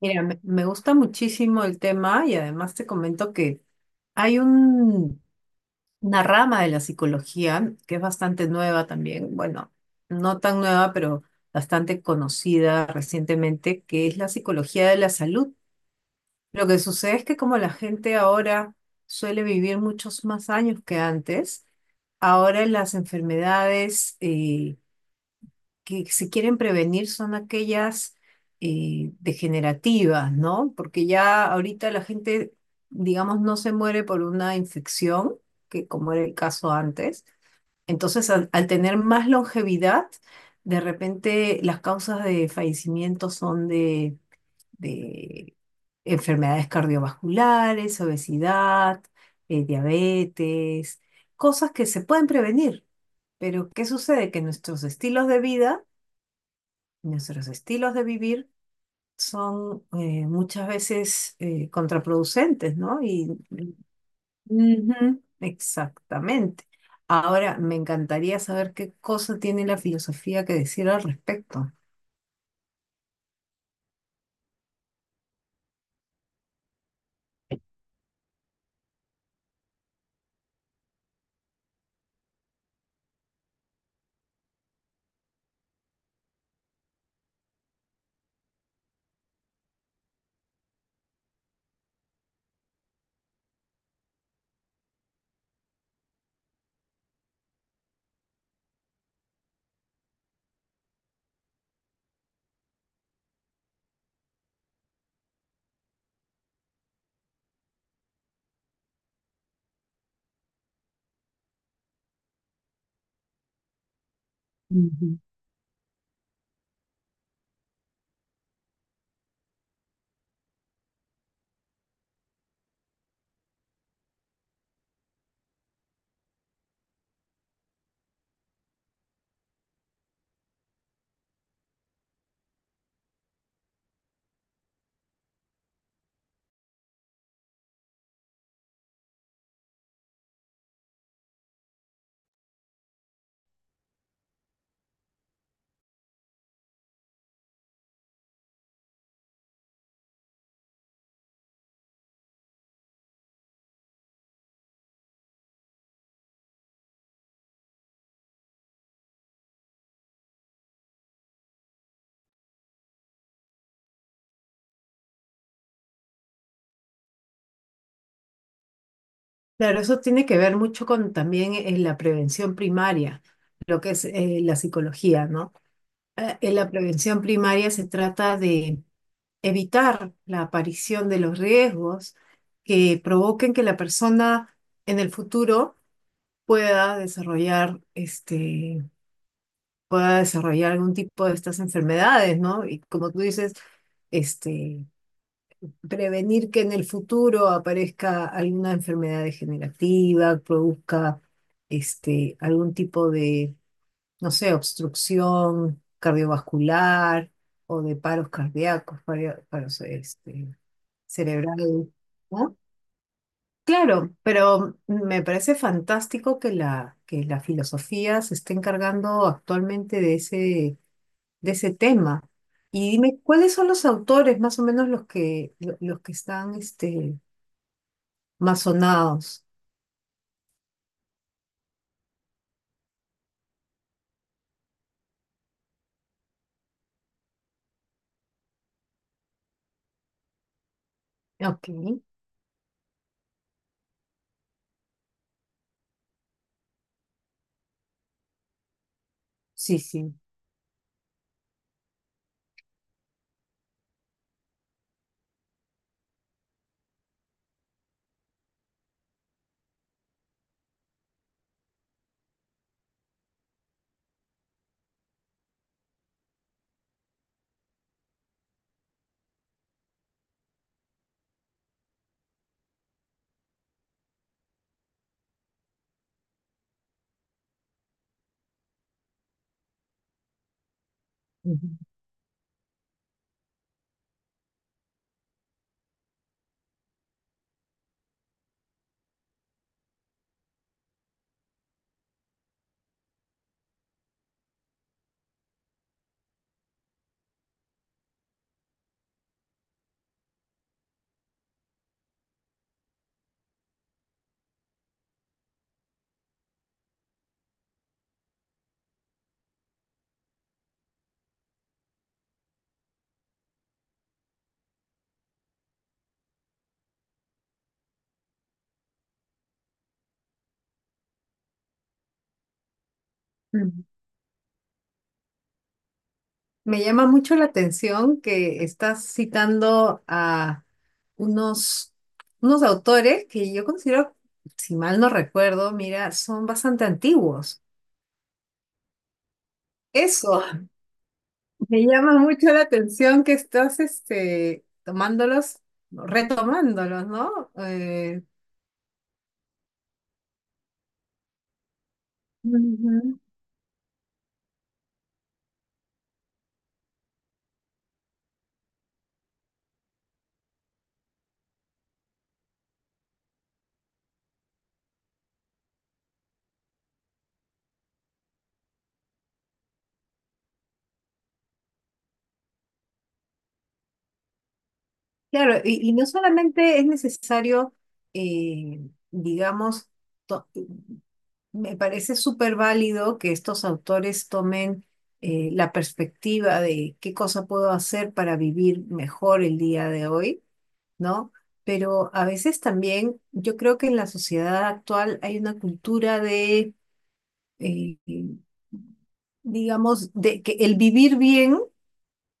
Mira, me gusta muchísimo el tema y además te comento que hay un- una rama de la psicología que es bastante nueva también, bueno, no tan nueva, pero bastante conocida recientemente, que es la psicología de la salud. Lo que sucede es que como la gente ahora suele vivir muchos más años que antes, ahora las enfermedades, que se quieren prevenir son aquellas degenerativas, ¿no? Porque ya ahorita la gente, digamos, no se muere por una infección, que como era el caso antes. Entonces, al tener más longevidad, de repente las causas de fallecimiento son de enfermedades cardiovasculares, obesidad, diabetes, cosas que se pueden prevenir. Pero, ¿qué sucede? Que nuestros estilos de vivir son muchas veces contraproducentes, ¿no? Y ujú, exactamente. Ahora, me encantaría saber qué cosa tiene la filosofía que decir al respecto. Ujú. Claro, eso tiene que ver mucho con también la prevención primaria, lo que es la psicología, ¿no? En la prevención primaria se trata de evitar la aparición de los riesgos que provoquen que la persona en el futuro pueda desarrollar pueda desarrollar algún tipo de estas enfermedades, ¿no? Y como tú dices, este, prevenir que en el futuro aparezca alguna enfermedad degenerativa, produzca algún tipo de, no sé, obstrucción cardiovascular o de paros cardíacos, para, paros, este cerebral, ¿no? Claro, pero me parece fantástico que que la filosofía se esté encargando actualmente de de ese tema. Y dime, ¿cuáles son los autores más o menos los que, los que están más sonados? Ok, sí, sí. Ujú. Me llama mucho la atención que estás citando a unos, unos autores que yo considero, si mal no recuerdo, mira, son bastante antiguos. Eso, me llama mucho la atención que estás tomándolos, retomándolos, ¿no? Ujú. Claro, y no solamente es necesario, eh, digamos, to- me parece súper válido que estos autores tomen la perspectiva de qué cosa puedo hacer para vivir mejor el día de hoy, ¿no? Pero a veces también yo creo que en la sociedad actual hay una cultura de, eh, digamos, de que el vivir bien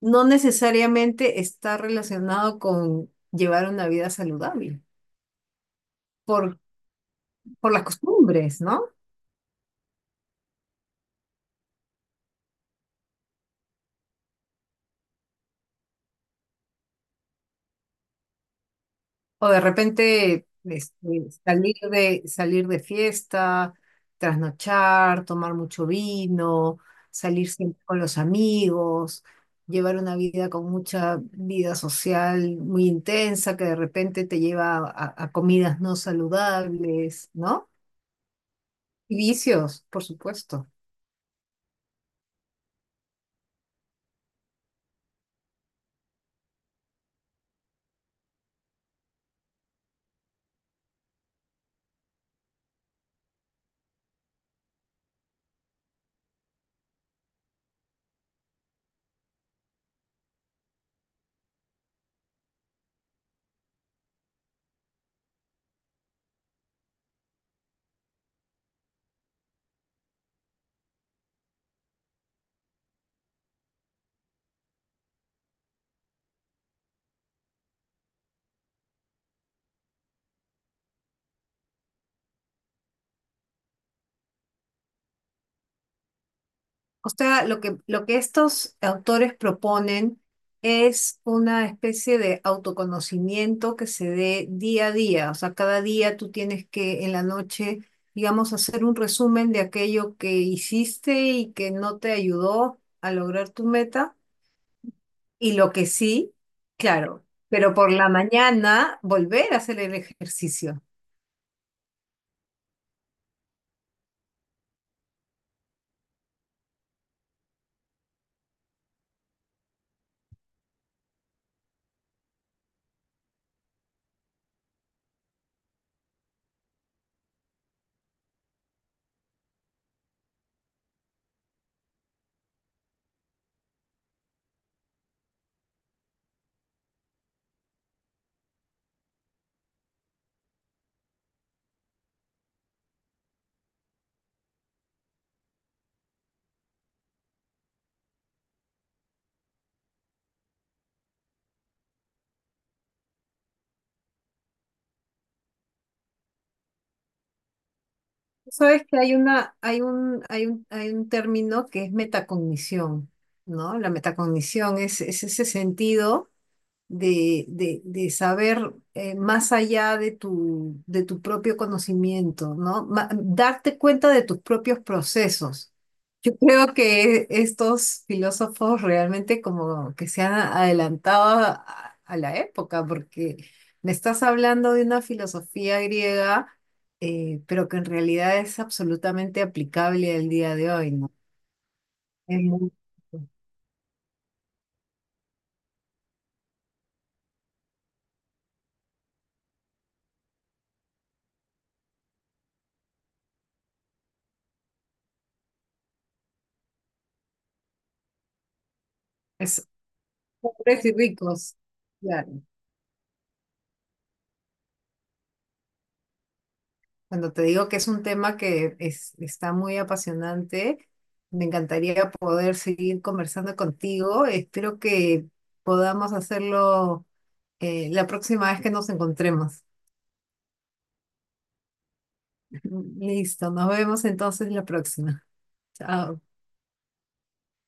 no necesariamente está relacionado con llevar una vida saludable por, por las costumbres, ¿no? O de repente salir de fiesta, trasnochar, tomar mucho vino, salir siempre con los amigos, llevar una vida con mucha vida social muy intensa que de repente te lleva a comidas no saludables, ¿no? Y vicios, por supuesto. O sea, lo que estos autores proponen es una especie de autoconocimiento que se dé día a día. O sea, cada día tú tienes que en la noche, digamos, hacer un resumen de aquello que hiciste y que no te ayudó a lograr tu meta. Y lo que sí, claro, pero por la mañana volver a hacer el ejercicio. Sabes que hay una, hay un, hay un, hay un término que es metacognición, ¿no? La metacognición es ese sentido de saber más allá de de tu propio conocimiento, ¿no? Darte cuenta de tus propios procesos. Yo creo que estos filósofos realmente como que se han adelantado a la época, porque me estás hablando de una filosofía griega, pero que en realidad es absolutamente aplicable al día de hoy, ¿no? Es muy- es pobres y ricos, claro. Cuando te digo que es un tema está muy apasionante, me encantaría poder seguir conversando contigo. Espero que podamos hacerlo la próxima vez que nos encontremos. Listo, nos vemos entonces la próxima. Chao.